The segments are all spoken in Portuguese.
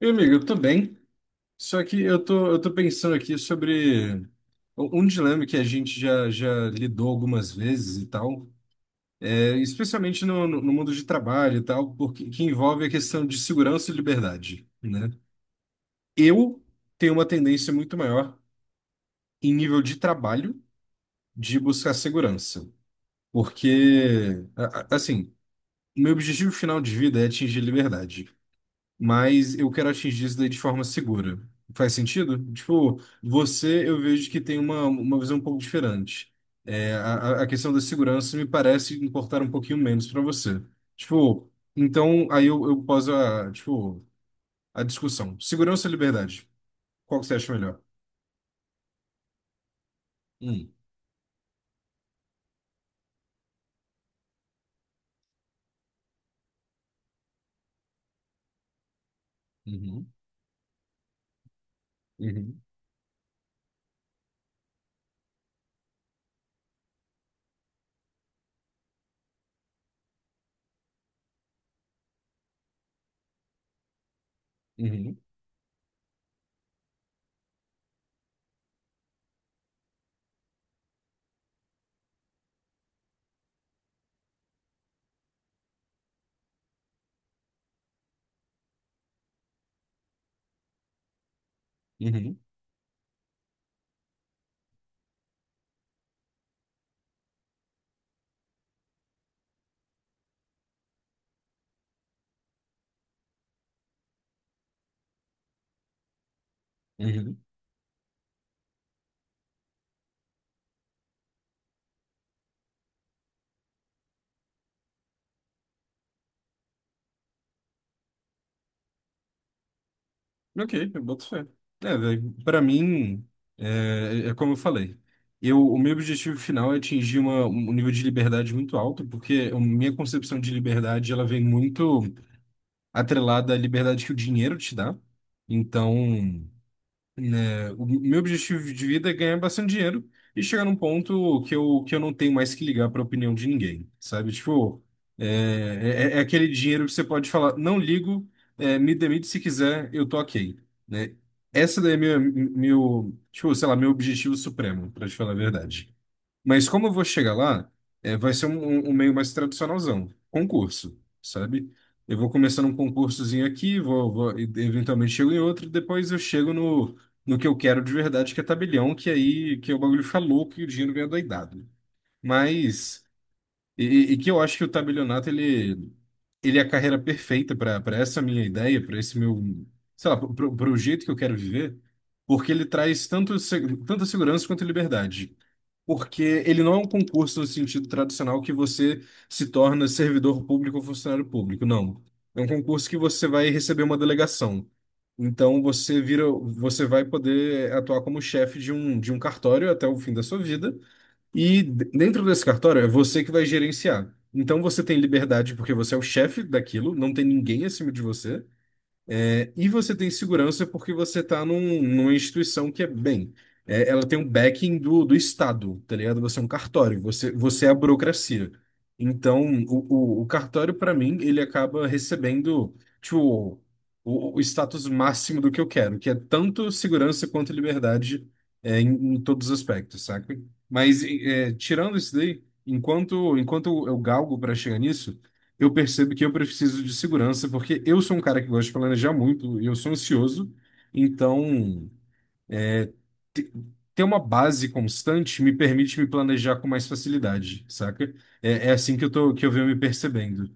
Meu amigo, eu tô bem, só que eu tô pensando aqui sobre um dilema que a gente já lidou algumas vezes e tal, especialmente no mundo de trabalho e tal, que envolve a questão de segurança e liberdade, né? Eu tenho uma tendência muito maior em nível de trabalho de buscar segurança, porque, assim, meu objetivo final de vida é atingir liberdade, mas eu quero atingir isso daí de forma segura. Faz sentido? Tipo, você eu vejo que tem uma visão um pouco diferente. É, a, a questão da segurança me parece importar um pouquinho menos para você. Tipo, então aí eu poso a discussão. Segurança ou liberdade? Qual que você acha melhor? Hum, uhum, uhum, uhum, uhum, uhum. Ok, eu boto fé. É, velho, pra mim, é, é como eu falei. O meu objetivo final é atingir um nível de liberdade muito alto, porque a minha concepção de liberdade, ela vem muito atrelada à liberdade que o dinheiro te dá. Então, né, o meu objetivo de vida é ganhar bastante dinheiro e chegar num ponto que eu não tenho mais que ligar para a opinião de ninguém, sabe? Tipo, é aquele dinheiro que você pode falar, não ligo, me demite se quiser, eu tô ok, né? Essa daí é meu, tipo, sei lá, meu objetivo supremo, para te falar a verdade. Mas como eu vou chegar lá, é, vai ser um meio mais tradicionalzão, concurso, sabe? Eu vou começando um concursozinho aqui, eventualmente chego em outro, depois eu chego no que eu quero de verdade, que é tabelião, que aí que é o bagulho fica louco e o dinheiro vem adoidado. Mas, e, e que eu acho que o tabelionato, ele é a carreira perfeita para essa minha ideia, para esse meu, sei lá, para o jeito que eu quero viver, porque ele traz tanto, tanta segurança quanto liberdade, porque ele não é um concurso no sentido tradicional que você se torna servidor público ou funcionário público, não. É um concurso que você vai receber uma delegação. Então você vira, você vai poder atuar como chefe de um cartório até o fim da sua vida, e dentro desse cartório é você que vai gerenciar. Então você tem liberdade porque você é o chefe daquilo, não tem ninguém acima de você. É, e você tem segurança porque você está numa instituição que é bem. É, ela tem um backing do Estado, tá ligado? Você é um cartório, você é a burocracia. Então, o cartório, para mim, ele acaba recebendo, tipo, o status máximo do que eu quero, que é tanto segurança quanto liberdade, é, em, em todos os aspectos, saca? Mas, é, tirando isso daí, enquanto eu galgo para chegar nisso, eu percebo que eu preciso de segurança, porque eu sou um cara que gosta de planejar muito e eu sou ansioso, então te- ter uma base constante me permite me planejar com mais facilidade, saca? É, é assim que que eu venho me percebendo.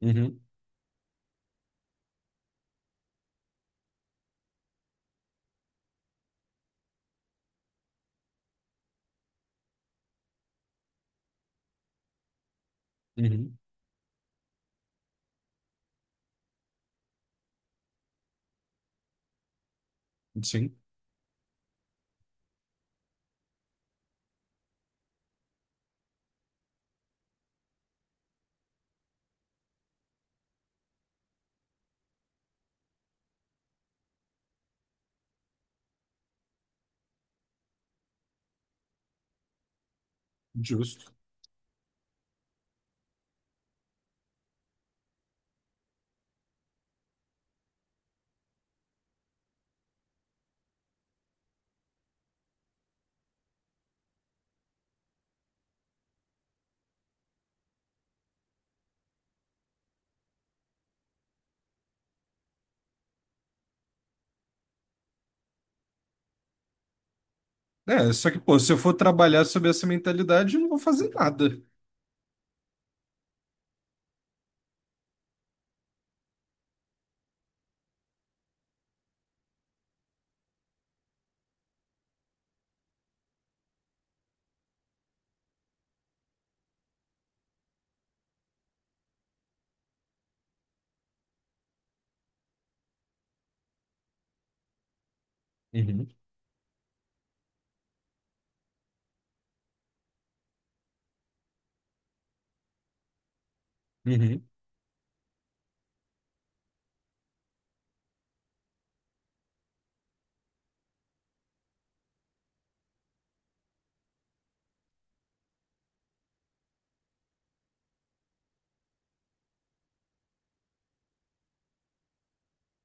Uhum, uhum, sim, justo. É, só que, pô, se eu for trabalhar sob essa mentalidade, eu não vou fazer nada. Uhum, uhum,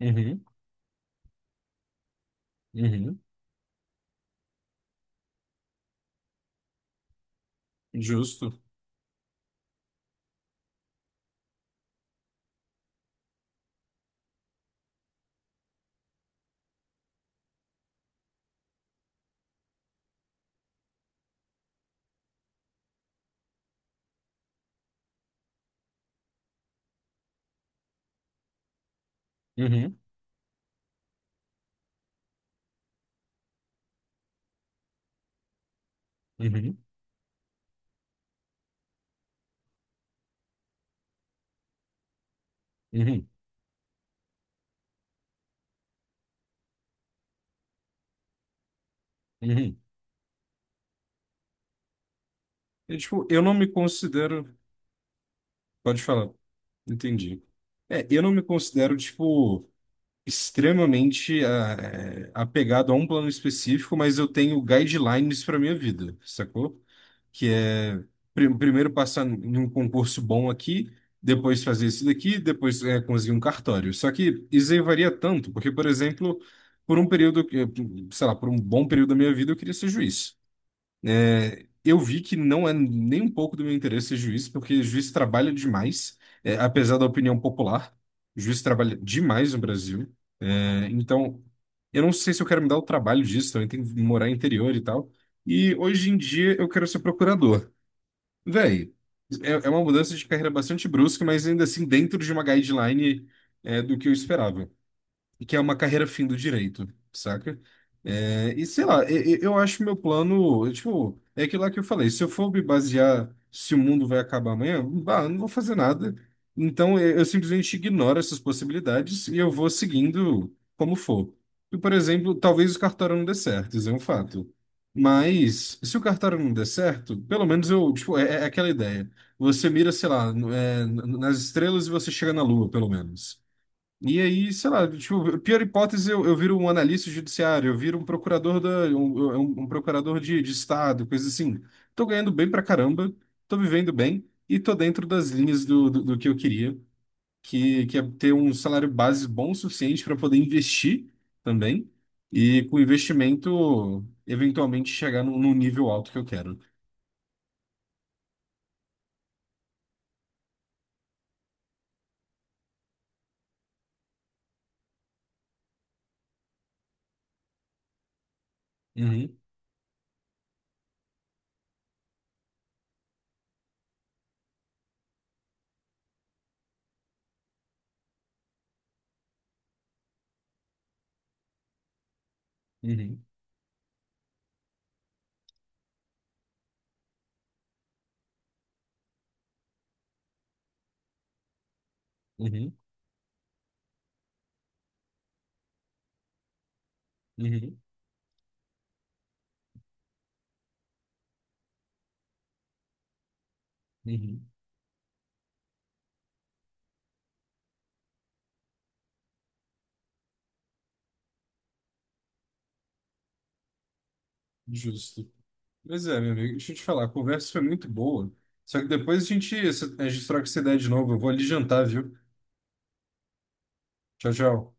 uhum, uhum, justo. Uhum, uhum, uhum, uhum. E, tipo, eu não me considero. Pode falar. Entendi. É, eu não me considero, tipo, extremamente apegado a um plano específico, mas eu tenho guidelines para minha vida, sacou? Que é primeiro passar em um concurso bom aqui, depois fazer isso daqui, depois conseguir um cartório. Só que isso aí varia tanto, porque, por exemplo, por um período, sei lá, por um bom período da minha vida, eu queria ser juiz. É, eu vi que não é nem um pouco do meu interesse ser juiz, porque juiz trabalha demais, é, apesar da opinião popular. Juiz trabalha demais no Brasil. É, então, eu não sei se eu quero me dar o trabalho disso, também tenho que morar no interior e tal. E hoje em dia eu quero ser procurador. Véi, é uma mudança de carreira bastante brusca, mas ainda assim dentro de uma guideline, é, do que eu esperava, que é uma carreira fim do direito, saca? É, e sei lá, acho meu plano, tipo, é aquilo lá que eu falei, se eu for me basear se o mundo vai acabar amanhã, bah, eu não vou fazer nada. Então eu simplesmente ignoro essas possibilidades e eu vou seguindo como for. E, por exemplo, talvez o cartório não dê certo, isso é um fato. Mas se o cartório não der certo, pelo menos eu, tipo, é aquela ideia. Você mira, sei lá, nas estrelas e você chega na lua, pelo menos. E aí, sei lá, tipo, pior hipótese, eu viro um analista judiciário, eu viro um procurador da, um- um procurador de estado, coisa assim. Tô ganhando bem pra caramba, tô vivendo bem e tô dentro das linhas do que eu queria, que é ter um salário base bom o suficiente para poder investir também e com investimento eventualmente chegar num nível alto que eu quero. Uhum, uhum, uhum, uhum, uhum. Justo. Pois é, meu amigo, deixa eu te falar, a conversa foi muito boa. Só que depois a gente troca essa ideia de novo. Eu vou ali jantar, viu? Tchau, tchau.